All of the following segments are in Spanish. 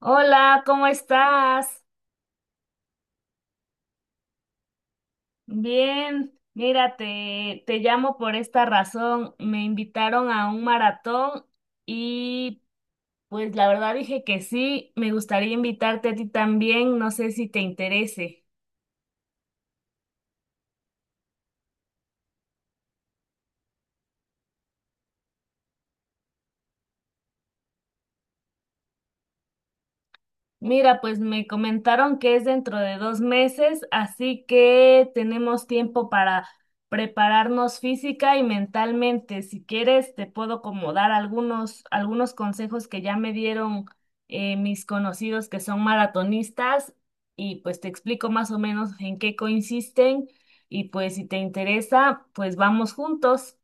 Hola, ¿cómo estás? Bien, mira, te llamo por esta razón. Me invitaron a un maratón y pues la verdad dije que sí, me gustaría invitarte a ti también, no sé si te interese. Mira, pues me comentaron que es dentro de 2 meses, así que tenemos tiempo para prepararnos física y mentalmente. Si quieres, te puedo como dar algunos consejos que ya me dieron mis conocidos que son maratonistas y pues te explico más o menos en qué consisten y pues si te interesa, pues vamos juntos.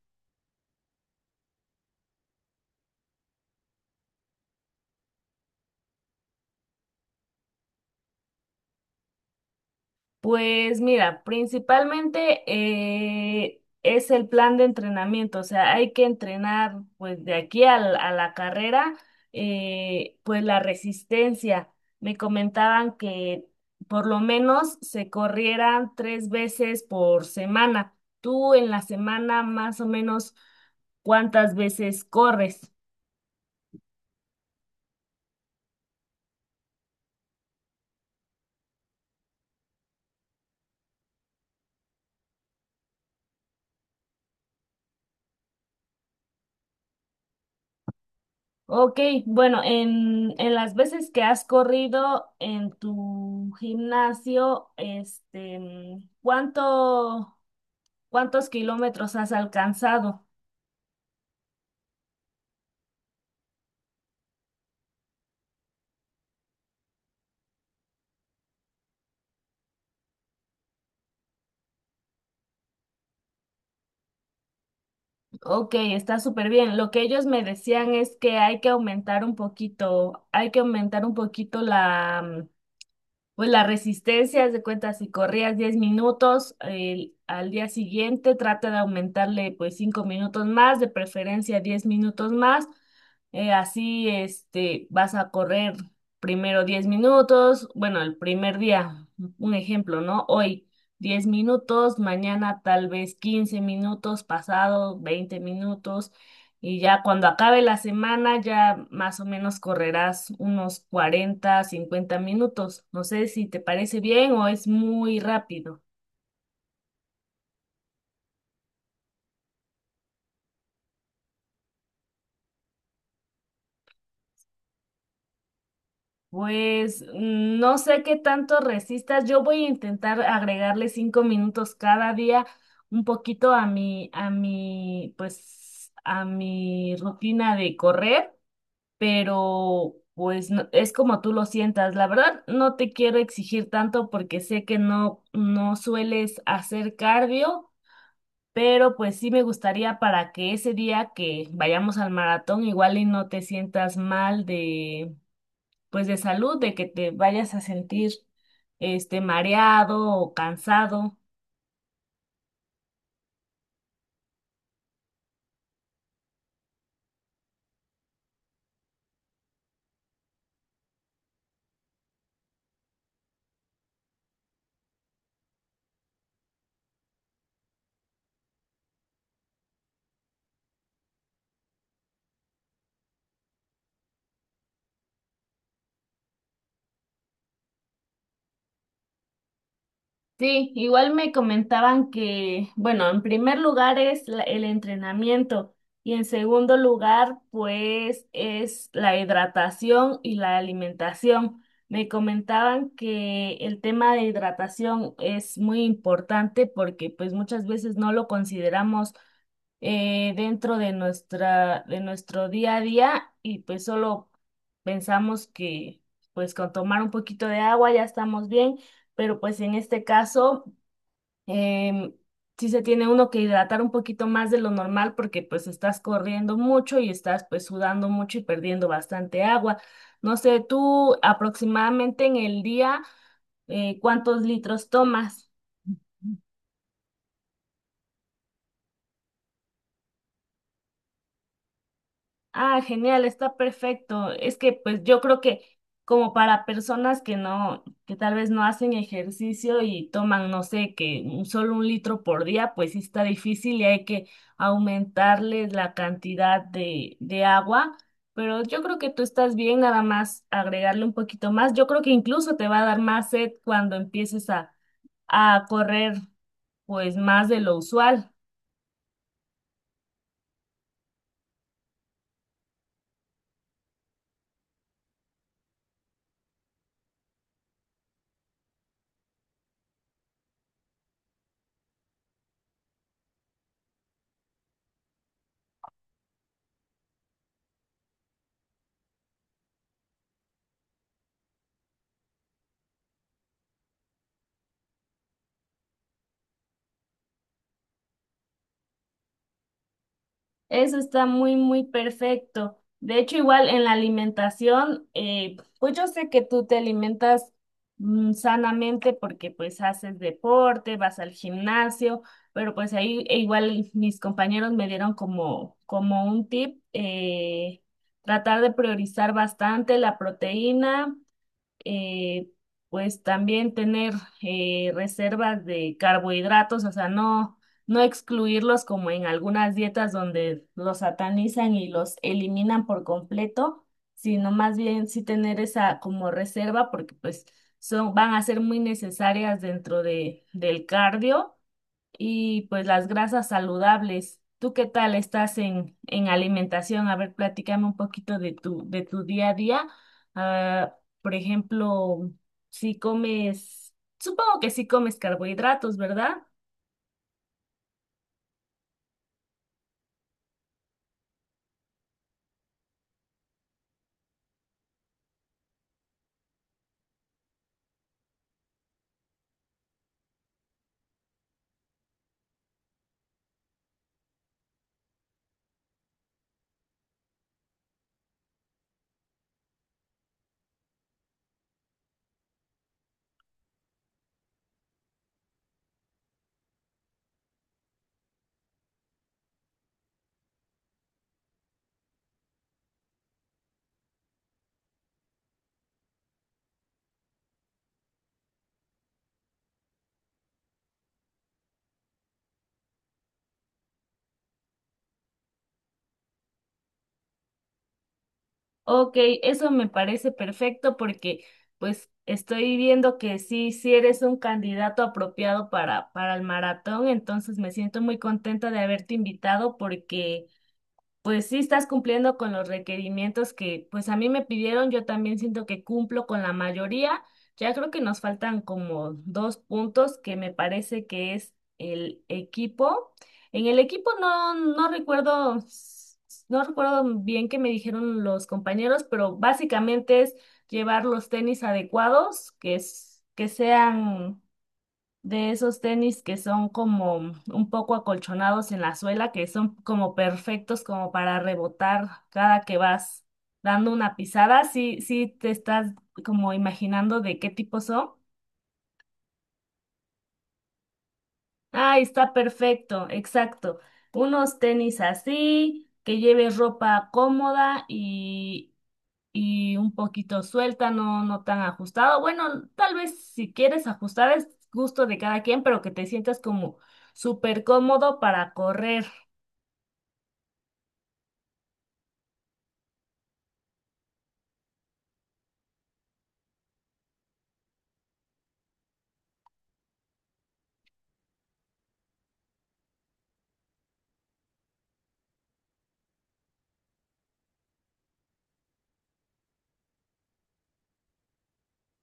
Pues mira, principalmente es el plan de entrenamiento, o sea, hay que entrenar pues de aquí a la carrera, pues la resistencia. Me comentaban que por lo menos se corrieran 3 veces por semana. ¿Tú en la semana más o menos cuántas veces corres? Ok, bueno, en las veces que has corrido en tu gimnasio, este, mm, ¿ cuántos kilómetros has alcanzado? Ok, está súper bien. Lo que ellos me decían es que hay que aumentar un poquito, hay que aumentar un poquito. Pues la resistencia, haz de cuenta, si corrías 10 minutos, al día siguiente trata de aumentarle pues 5 minutos más, de preferencia 10 minutos más. Así este, vas a correr primero 10 minutos, bueno, el primer día, un ejemplo, ¿no? Hoy 10 minutos, mañana tal vez 15 minutos, pasado 20 minutos. Y ya cuando acabe la semana, ya más o menos correrás unos 40-50 minutos. No sé si te parece bien o es muy rápido. Pues no sé qué tanto resistas. Yo voy a intentar agregarle 5 minutos cada día, un poquito a mi rutina de correr. Pero pues es como tú lo sientas. La verdad, no te quiero exigir tanto porque sé que no sueles hacer cardio, pero pues sí me gustaría para que ese día que vayamos al maratón igual y no te sientas mal de, pues de salud, de que te vayas a sentir este mareado o cansado. Sí, igual me comentaban que, bueno, en primer lugar es el entrenamiento y en segundo lugar, pues es la hidratación y la alimentación. Me comentaban que el tema de hidratación es muy importante porque pues muchas veces no lo consideramos dentro de nuestro día a día y pues solo pensamos que pues con tomar un poquito de agua ya estamos bien, pero pues en este caso em, sí se tiene uno que hidratar un poquito más de lo normal porque pues estás corriendo mucho y estás pues sudando mucho y perdiendo bastante agua. No sé, tú aproximadamente en el día, ¿cuántos litros tomas? Ah, genial, está perfecto. Es que pues yo creo que como para personas que no, que tal vez no hacen ejercicio y toman, no sé, que solo 1 litro por día, pues sí está difícil y hay que aumentarles la cantidad de agua. Pero yo creo que tú estás bien, nada más agregarle un poquito más. Yo creo que incluso te va a dar más sed cuando empieces a correr pues más de lo usual. Eso está muy, muy perfecto. De hecho, igual en la alimentación, pues yo sé que tú te alimentas sanamente porque pues haces deporte, vas al gimnasio, pero pues ahí e igual mis compañeros me dieron como, como un tip, tratar de priorizar bastante la proteína, eh, pues también tener reservas de carbohidratos, o sea, no excluirlos como en algunas dietas donde los satanizan y los eliminan por completo, sino más bien sí tener esa como reserva porque pues son, van a ser muy necesarias dentro del cardio y pues las grasas saludables. ¿Tú qué tal estás en alimentación? A ver, platícame un poquito de tu día a día. Ah, por ejemplo, si comes, supongo que sí comes carbohidratos, ¿verdad? Ok, eso me parece perfecto porque pues estoy viendo que sí, sí eres un candidato apropiado para el maratón, entonces me siento muy contenta de haberte invitado porque pues sí estás cumpliendo con los requerimientos que pues a mí me pidieron, yo también siento que cumplo con la mayoría. Ya creo que nos faltan como dos puntos que me parece que es el equipo. En el equipo no recuerdo, no recuerdo bien qué me dijeron los compañeros, pero básicamente es llevar los tenis adecuados, que es, que sean de esos tenis que son como un poco acolchonados en la suela, que son como perfectos como para rebotar cada que vas dando una pisada. Sí, sí te estás como imaginando de qué tipo son. Ah, está perfecto, exacto. Unos tenis así, que lleves ropa cómoda y un poquito suelta, no tan ajustado. Bueno, tal vez si quieres ajustar es gusto de cada quien, pero que te sientas como súper cómodo para correr.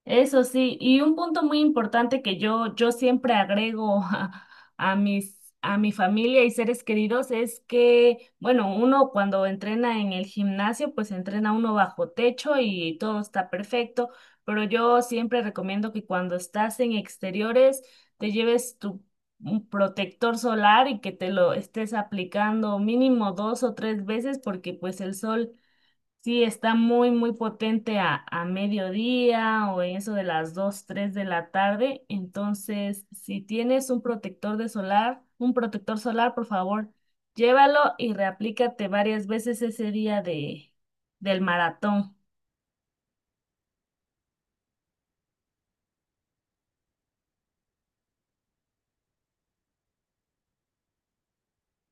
Eso sí, y un punto muy importante que yo siempre agrego a mis, a mi familia y seres queridos es que, bueno, uno cuando entrena en el gimnasio, pues entrena uno bajo techo y todo está perfecto, pero yo siempre recomiendo que cuando estás en exteriores te lleves tu un protector solar y que te lo estés aplicando mínimo 2 o 3 veces porque pues el sol sí, está muy, muy potente a mediodía o en eso de las 2, 3 de la tarde. Entonces, si tienes un protector de solar, un protector solar, por favor, llévalo y reaplícate varias veces ese día de, del maratón.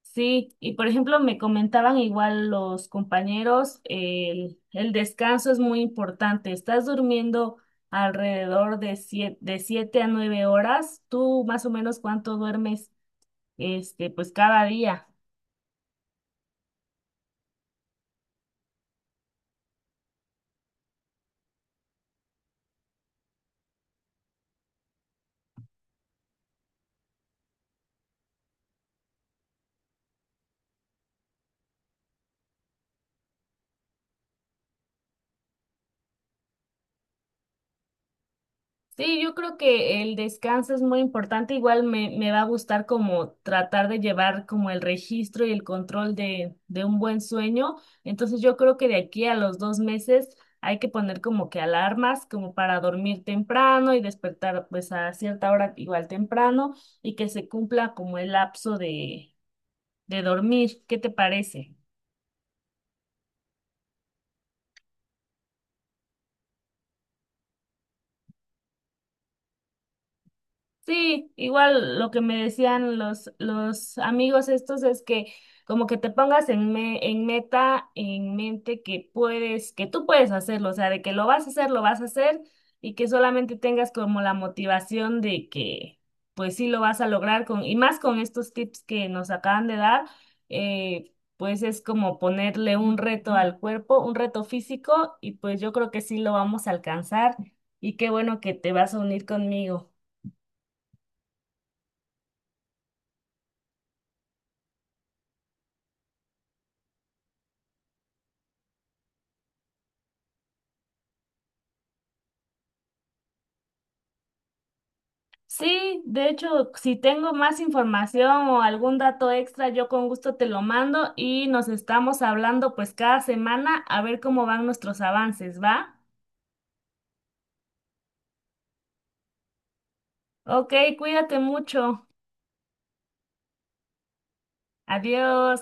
Sí, y por ejemplo, me comentaban igual los compañeros, el descanso es muy importante. Estás durmiendo alrededor de 7 a 9 horas. ¿Tú más o menos cuánto duermes? Este, pues cada día. Sí, yo creo que el descanso es muy importante. Igual me va a gustar como tratar de llevar como el registro y el control de un buen sueño. Entonces yo creo que de aquí a los 2 meses hay que poner como que alarmas como para dormir temprano y despertar pues a cierta hora igual temprano y que se cumpla como el lapso de dormir. ¿Qué te parece? Sí, igual lo que me decían los amigos estos es que como que te pongas en meta, en mente que puedes, que tú puedes hacerlo, o sea, de que lo vas a hacer, lo vas a hacer y que solamente tengas como la motivación de que pues sí lo vas a lograr con, y más con estos tips que nos acaban de dar, pues es como ponerle un reto al cuerpo, un reto físico y pues yo creo que sí lo vamos a alcanzar y qué bueno que te vas a unir conmigo. Sí, de hecho, si tengo más información o algún dato extra, yo con gusto te lo mando y nos estamos hablando pues cada semana a ver cómo van nuestros avances, ¿va? Ok, cuídate mucho. Adiós.